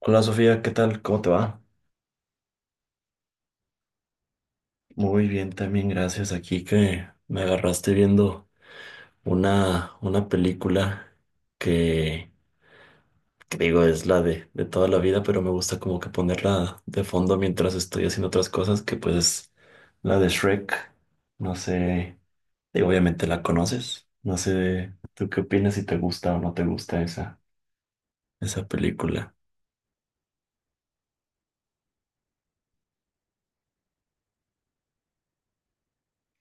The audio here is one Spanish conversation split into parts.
Hola Sofía, ¿qué tal? ¿Cómo te va? Muy bien, también gracias. Aquí que me agarraste viendo una película que, que digo es la de toda la vida, pero me gusta como que ponerla de fondo mientras estoy haciendo otras cosas, que pues es la de Shrek. No sé, digo, obviamente la conoces. No sé, ¿tú qué opinas si te gusta o no te gusta esa película?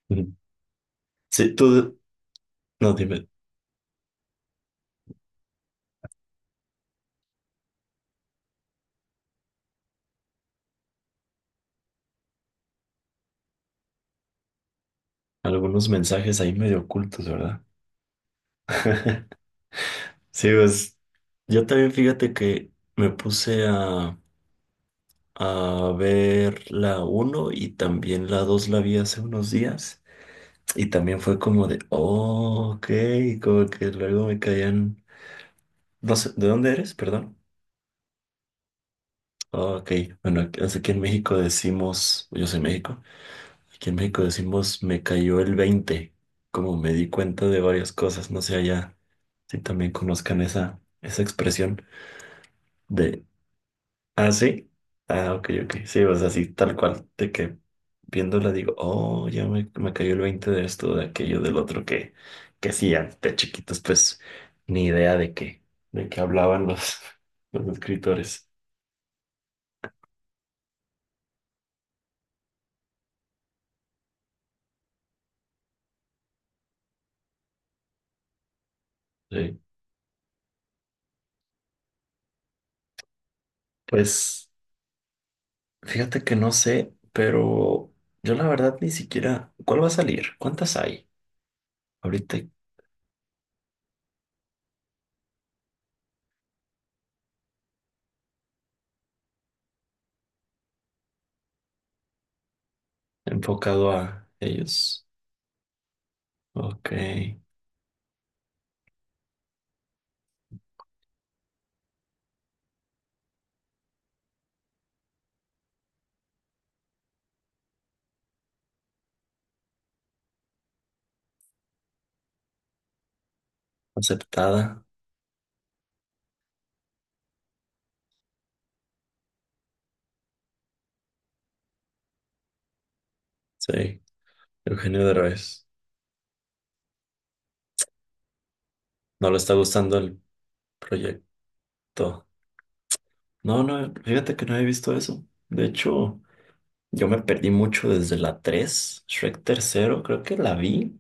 Ujú. Sí, tú, no, dime, algunos mensajes ahí medio ocultos, ¿verdad? Sí, pues yo también fíjate que me puse a ver la uno y también la 2 la vi hace unos días y también fue como de, oh, ok, como que luego me caían, no sé, ¿de dónde eres? Perdón. Oh, ok, bueno, aquí es aquí en México decimos, yo soy de México, aquí en México decimos me cayó el 20 como me di cuenta de varias cosas, no sé allá si también conozcan esa expresión. Ah, sí. Ah, ok, ok. Sí, o sea, así tal cual, de que viéndola digo, oh, ya me cayó el 20 de esto, de aquello, del otro, que sí, de chiquitos, pues, ni idea de qué hablaban los, los escritores. Sí. Pues, fíjate que no sé, pero yo la verdad ni siquiera, ¿cuál va a salir? ¿Cuántas hay? Ahorita enfocado a ellos. Ok, aceptada. Sí, Eugenio Derbez. No le está gustando el proyecto. No, no, fíjate que no he visto eso. De hecho, yo me perdí mucho desde la 3 Shrek tercero, creo que la vi,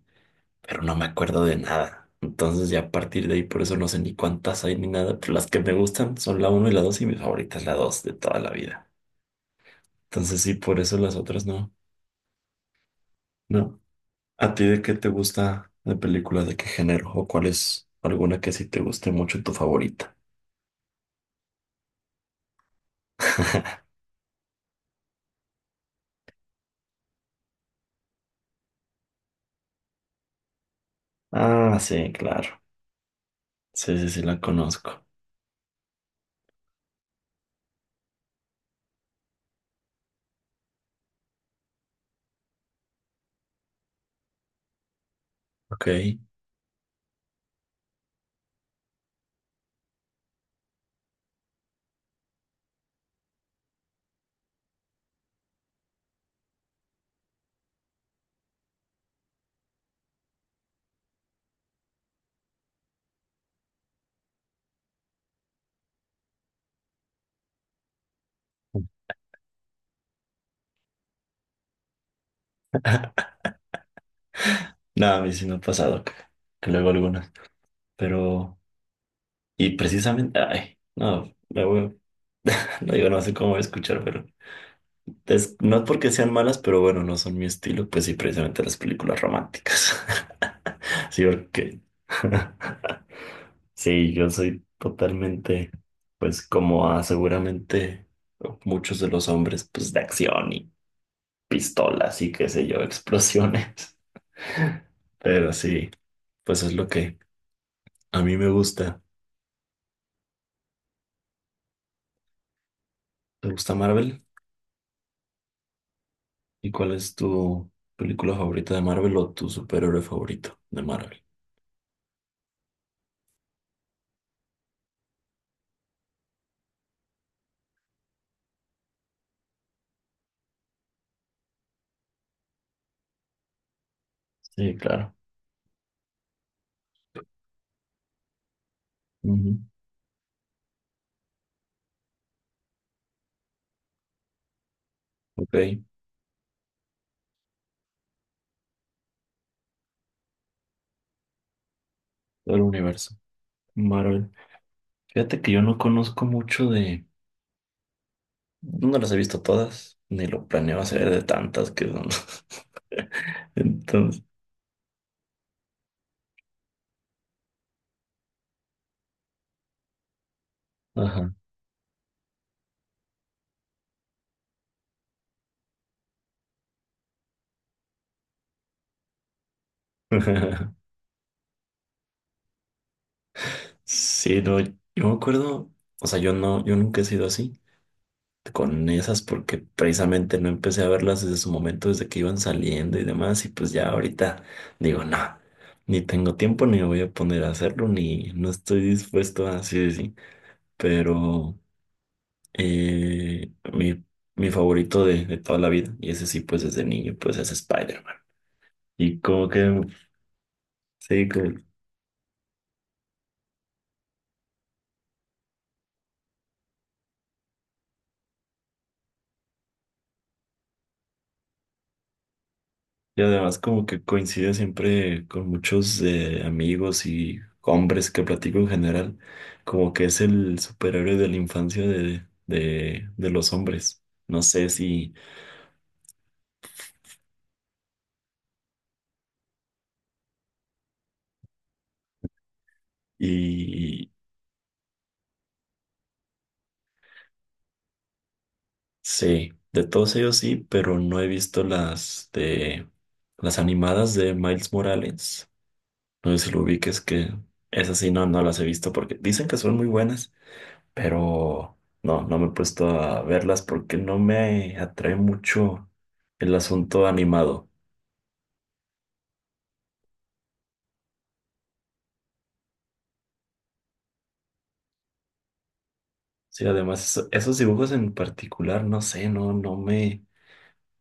pero no me acuerdo de nada. Entonces ya a partir de ahí, por eso no sé ni cuántas hay ni nada, pero las que me gustan son la uno y la 2 y mi favorita es la 2 de toda la vida. Entonces sí, por eso las otras no. No. ¿A ti de qué te gusta de película? ¿De qué género? ¿O cuál es alguna que sí te guste mucho tu favorita? Ah, sí, claro. Sí, sí, sí, la conozco. Ok. No, a mí sí me ha pasado que luego algunas, pero... Y precisamente, ay, no, no digo, no sé cómo voy a escuchar, pero... no es porque sean malas, pero bueno, no son mi estilo, pues sí, precisamente las películas románticas. Sí, porque... Sí, yo soy totalmente, pues como a seguramente muchos de los hombres, pues de acción y pistolas y qué sé yo, explosiones. Pero sí, pues es lo que a mí me gusta. ¿Te gusta Marvel? ¿Y cuál es tu película favorita de Marvel o tu superhéroe favorito de Marvel? Sí, claro. Ujú. Ok, todo el universo Marvel. Fíjate que yo no conozco mucho de... No las he visto todas, ni lo planeo hacer de tantas que son. Entonces, ajá. Sí, no, yo me acuerdo, o sea, yo nunca he sido así con esas porque precisamente no empecé a verlas desde su momento, desde que iban saliendo y demás, y pues ya ahorita digo, no, ni tengo tiempo, ni me voy a poner a hacerlo, ni no estoy dispuesto a así decir, pero eh, mi, mi favorito de toda la vida, y ese sí, pues desde niño, pues es Spider-Man. Y como que, sí, como. Y además como que coincide siempre con muchos amigos y hombres que platico en general, como que es el superhéroe de la infancia de los hombres. No sé si, y sí, de todos ellos sí, pero no he visto las de las animadas de Miles Morales. No sé si lo ubiques que esas sí no, no las he visto porque dicen que son muy buenas, pero no, no me he puesto a verlas porque no me atrae mucho el asunto animado. Sí, además esos dibujos en particular, no sé,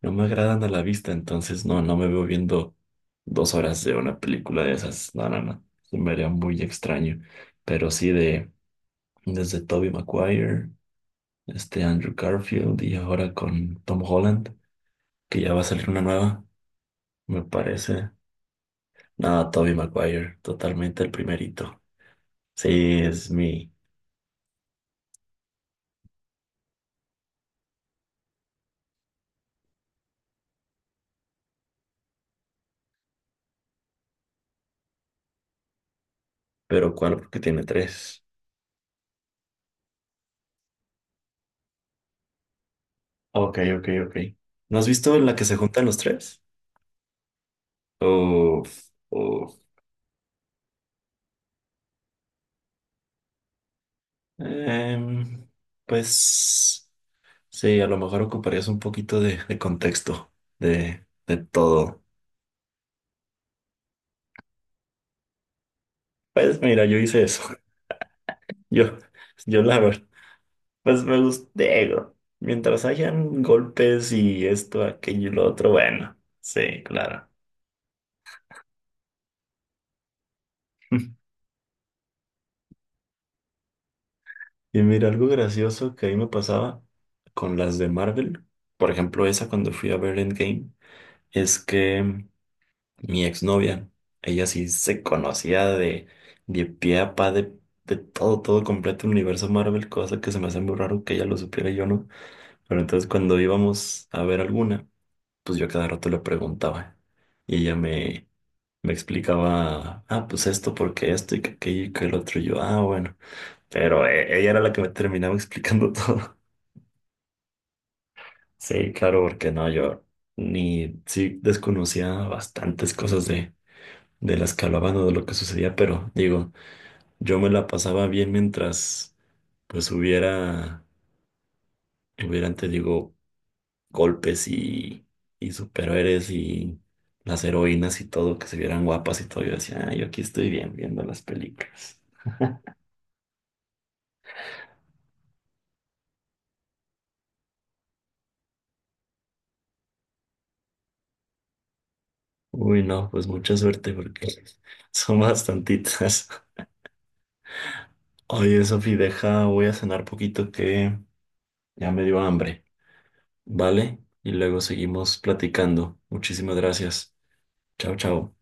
no me agradan a la vista, entonces no, no me veo viendo dos horas de una película de esas. No, no, no, se me haría muy extraño. Pero sí de desde Tobey Maguire, este Andrew Garfield y ahora con Tom Holland, que ya va a salir una nueva, me parece. No, Toby Maguire, totalmente el primerito. Sí, es mi. Pero ¿cuál? Porque tiene tres. Ok, ok, ok. ¿No has visto la que se juntan los tres? Uf, uf. Em, pues sí, a lo mejor ocuparías un poquito de contexto de todo. Pues mira, yo hice eso. Yo, yo la verdad, pues me gusté. Digo, mientras hayan golpes y esto, aquello y lo otro, bueno, sí, claro. Y mira, algo gracioso que ahí me pasaba con las de Marvel, por ejemplo, esa cuando fui a ver Endgame, es que mi exnovia, ella sí se conocía de pie a pa de todo, todo completo el universo Marvel, cosa que se me hace muy raro que ella lo supiera y yo no. Pero entonces cuando íbamos a ver alguna, pues yo a cada rato le preguntaba y me explicaba, ah, pues esto, porque esto y que aquello y que el otro, y yo, ah, bueno. Pero ella era la que me terminaba explicando todo. Sí, claro, porque no, yo ni sí desconocía bastantes cosas de las que hablaban o de lo que sucedía, pero digo, yo me la pasaba bien mientras pues hubiera, hubieran, te digo, golpes y superhéroes y las heroínas y todo, que se vieran guapas y todo. Yo decía, ah, yo aquí estoy bien viendo las películas. Uy, no, pues mucha suerte porque son bastantitas. Oye, Sofi, deja, voy a cenar poquito que ya me dio hambre. Vale, y luego seguimos platicando. Muchísimas gracias. Chao, chao.